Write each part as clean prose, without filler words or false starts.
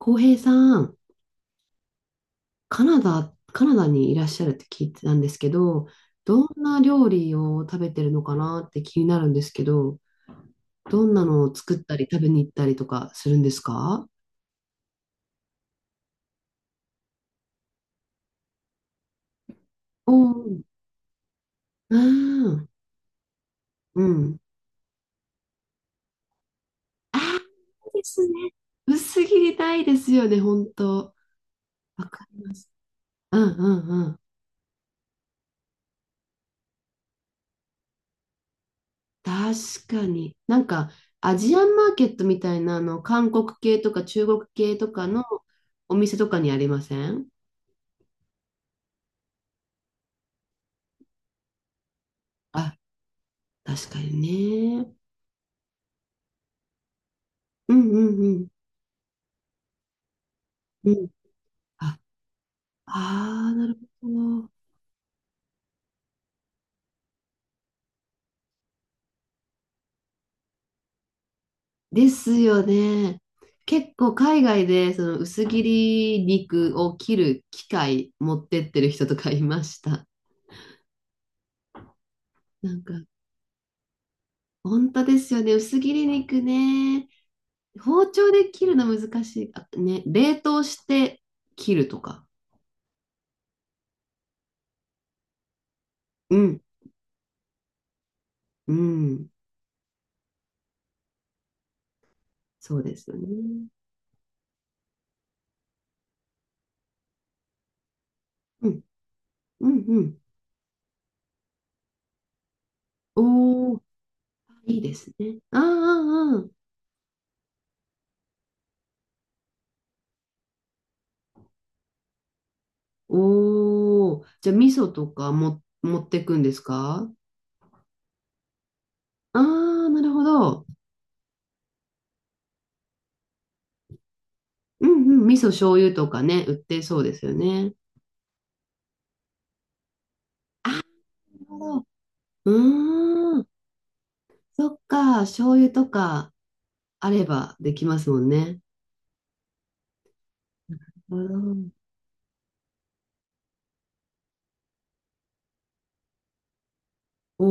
浩平さん、カナダ、カナダにいらっしゃるって聞いてたんですけど、どんな料理を食べてるのかなって気になるんですけど、どんなのを作ったり食べに行ったりとかするんですか？おー、あー、うん。ああ、ですね。薄切りたいですよね、本当。わかります。うんうんうん。確かに。なんか、アジアンマーケットみたいな、あの、韓国系とか中国系とかのお店とかにありません？あ、確かにね。うんうんうん。うん。あ、あー、なるほど。ですよね。結構海外でその薄切り肉を切る機械持ってってる人とかいました。なんか、本当ですよね。薄切り肉ね。包丁で切るの難しい。あ、ね、冷凍して切るとか。うん、うん。そうですよね。うん、うん、うん。おー、いいですね。ああ、ああ、おー、じゃあ味噌とかも持ってくんですか？ああー、なるほど。うんうん、味噌醤油とかね、売ってそうですよね。なるほど。うーん、そっか、醤油とかあればできますもんね。なるほど。お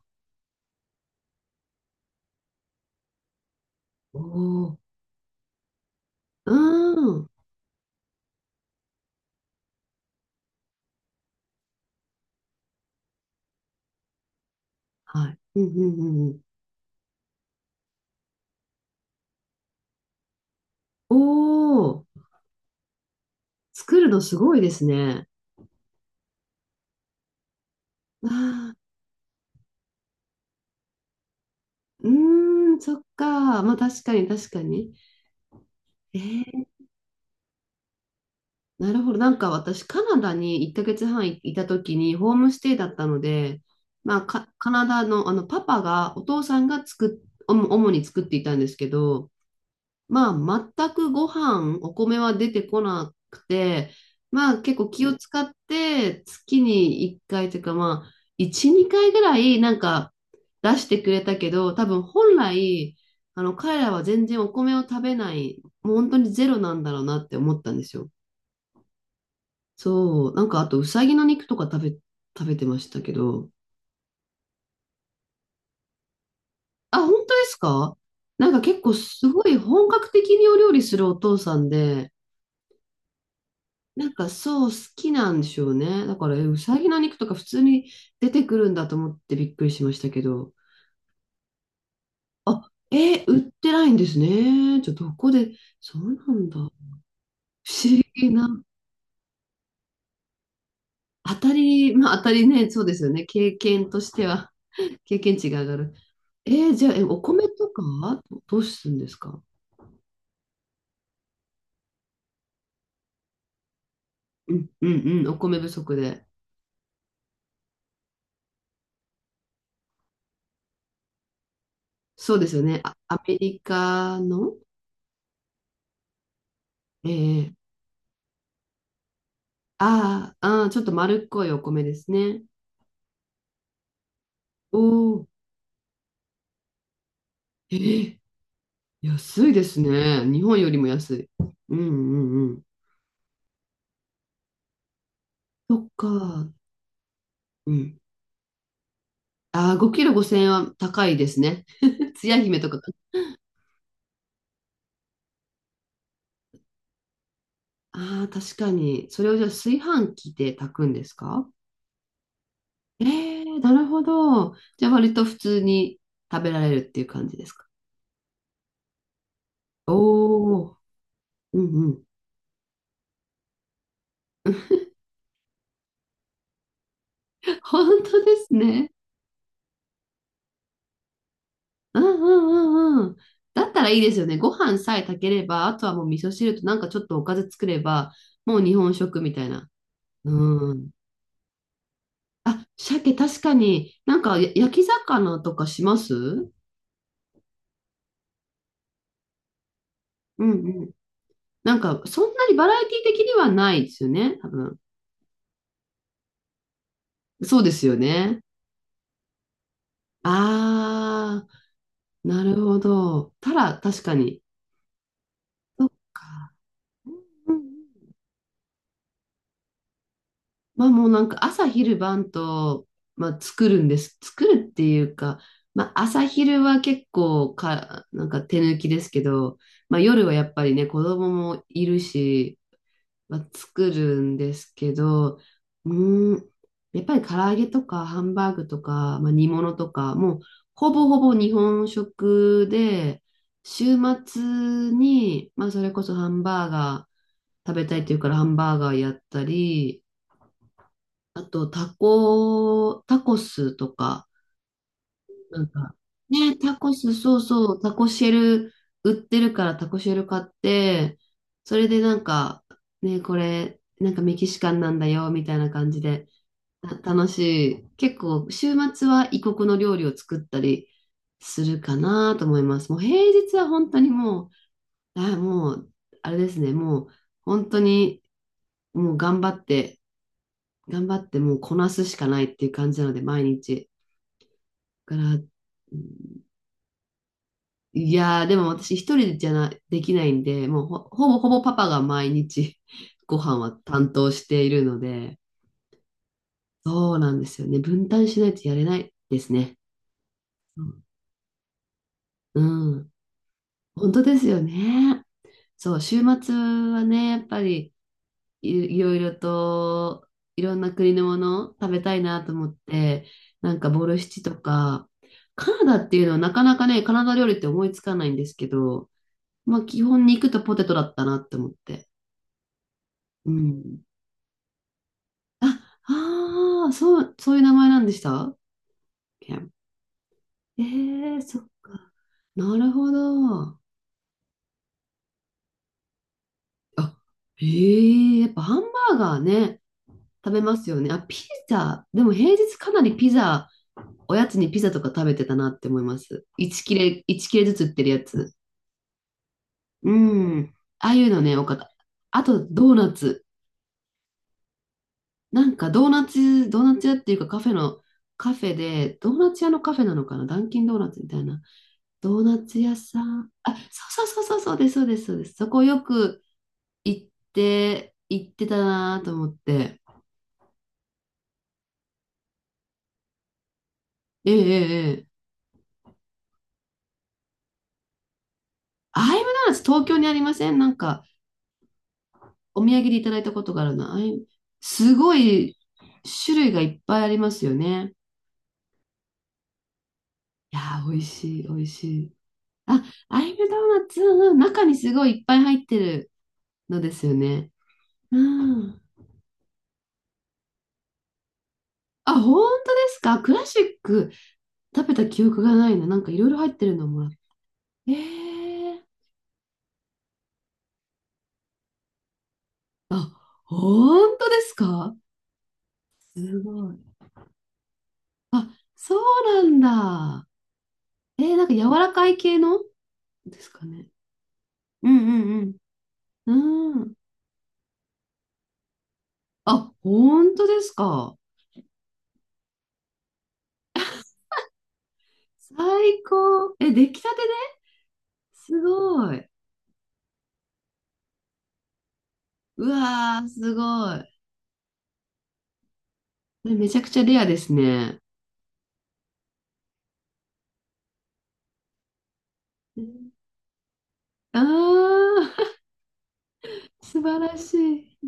ー、おー、うーん、はい。うんうんうんうん。おー、作るのすごいですね。ああ、うーん、そっか。まあ確かに確かに。えー、なるほど。なんか私、カナダに1ヶ月半いいた時にホームステイだったので、まあ、カカナダの、あのパパが、お父さんが作っ、おも主に作っていたんですけど、まあ、全くご飯、お米は出てこなくて、まあ、結構気を使って、月に1回というか、まあ、1、2回ぐらい、なんか、出してくれたけど、多分本来、あの、彼らは全然お米を食べない、もう本当にゼロなんだろうなって思ったんですよ。そう、なんかあと、うさぎの肉とか食べ、食べてましたけど、あ、本当ですか？なんか結構すごい本格的にお料理するお父さんで、なんかそう、好きなんでしょうね。だから、え、うさぎの肉とか普通に出てくるんだと思ってびっくりしましたけど、あ、え、売ってないんですね。じゃあ、どこで、そうなんだ。不思議な。当たり、まあ当たりね、そうですよね。経験としては、経験値が上がる。えー、じゃあ、え、お米とかはどどうするんですか？うんうんうん、お米不足で。そうですよね。あ、アメリカの、えー、あーあー、ちょっと丸っこいお米ですね。おお、えー、安いですね。日本よりも安い。うんうんうん。そっか。うん。ああ、5キロ5000円は高いですね。つや姫とか。ああ、確かに。それをじゃあ炊飯器で炊くんですか？えー、なるほど。じゃあ割と普通に食べられるっていう感じですか。おおー、うん、本当ですね。うんうんうんうん。だったらいいですよね。ご飯さえ炊ければ、あとはもう味噌汁となんかちょっとおかず作れば、もう日本食みたいな。うん。あ、鮭確かに、なんかや焼き魚とかします？うん、うん。なんかそんなにバラエティ的にはないですよね、多分。そうですよね。あー、なるほど。たら確かに。そっか。うんうんうん。まあもうなんか朝昼晩と、まあ、作るんです。作るっていうか、まあ朝昼は結構か、なんか手抜きですけど、まあ夜はやっぱりね、子供もいるし、まあ、作るんですけど、うーん、やっぱり唐揚げとかハンバーグとか、まあ、煮物とか、もうほぼほぼ日本食で、週末に、まあそれこそハンバーガー食べたいっていうからハンバーガーやったり、あと、タコ、タコスとか、なんか、ね、タコス、そうそう、タコシェル売ってるからタコシェル買って、それでなんか、ね、これ、なんかメキシカンなんだよ、みたいな感じで、た楽しい。結構、週末は異国の料理を作ったりするかなと思います。もう平日は本当にもう、あ、もう、あれですね、もう、本当に、もう頑張って、頑張ってもうこなすしかないっていう感じなので、毎日。から、いやー、でも私一人じゃな、できないんで、もうほ、ほぼほぼパパが毎日 ご飯は担当しているので、そうなんですよね。分担しないとやれないですね。うん。うん、本当ですよね。そう、週末はね、やっぱりい、いろいろと、いろんな国のもの食べたいなと思って、なんかボルシチとか、カナダっていうのはなかなかね、カナダ料理って思いつかないんですけど、まあ、基本肉とポテトだったなって思って。うん。あ、ああ、そう、そういう名前なんでしたケン。ええー、そっか。なるほど。あ、ええ、やっぱハンバーガーね、食べますよね。あ、ピザ。でも平日かなりピザ、おやつにピザとか食べてたなって思います。1切れ、1切れずつ売ってるやつ。うん。ああいうのね、多かった。あと、ドーナツ。なんかドーナツ、ドーナツ屋っていうかカフェの、カフェで、ドーナツ屋のカフェなのかな、ダンキンドーナツみたいな。ドーナツ屋さん。あ、そうそうそうそう、そうです、そうです、そうです。そこよく行って、行ってたなと思って。ええ、ええ、ええ。アイムドーナツ東京にありません？なんかお土産でいただいたことがあるな。アイムすごい種類がいっぱいありますよね。いやー、美味しい、美味しい。あ、アイムドーナツ、うんうん、中にすごいいっぱい入ってるのですよね。うん。あ、本当ですか？クラシック食べた記憶がないな。なんかいろいろ入ってるのをもらった、ええ、あ、本当ですか？すごい。あ、そうなんだ。えー、なんか柔らかい系のですかね。うんうんうん。うん。あ、本当ですか。最高。え、出来たてですごい。うわー、すごい。え、めちゃくちゃレアですね。あー、素晴らしい。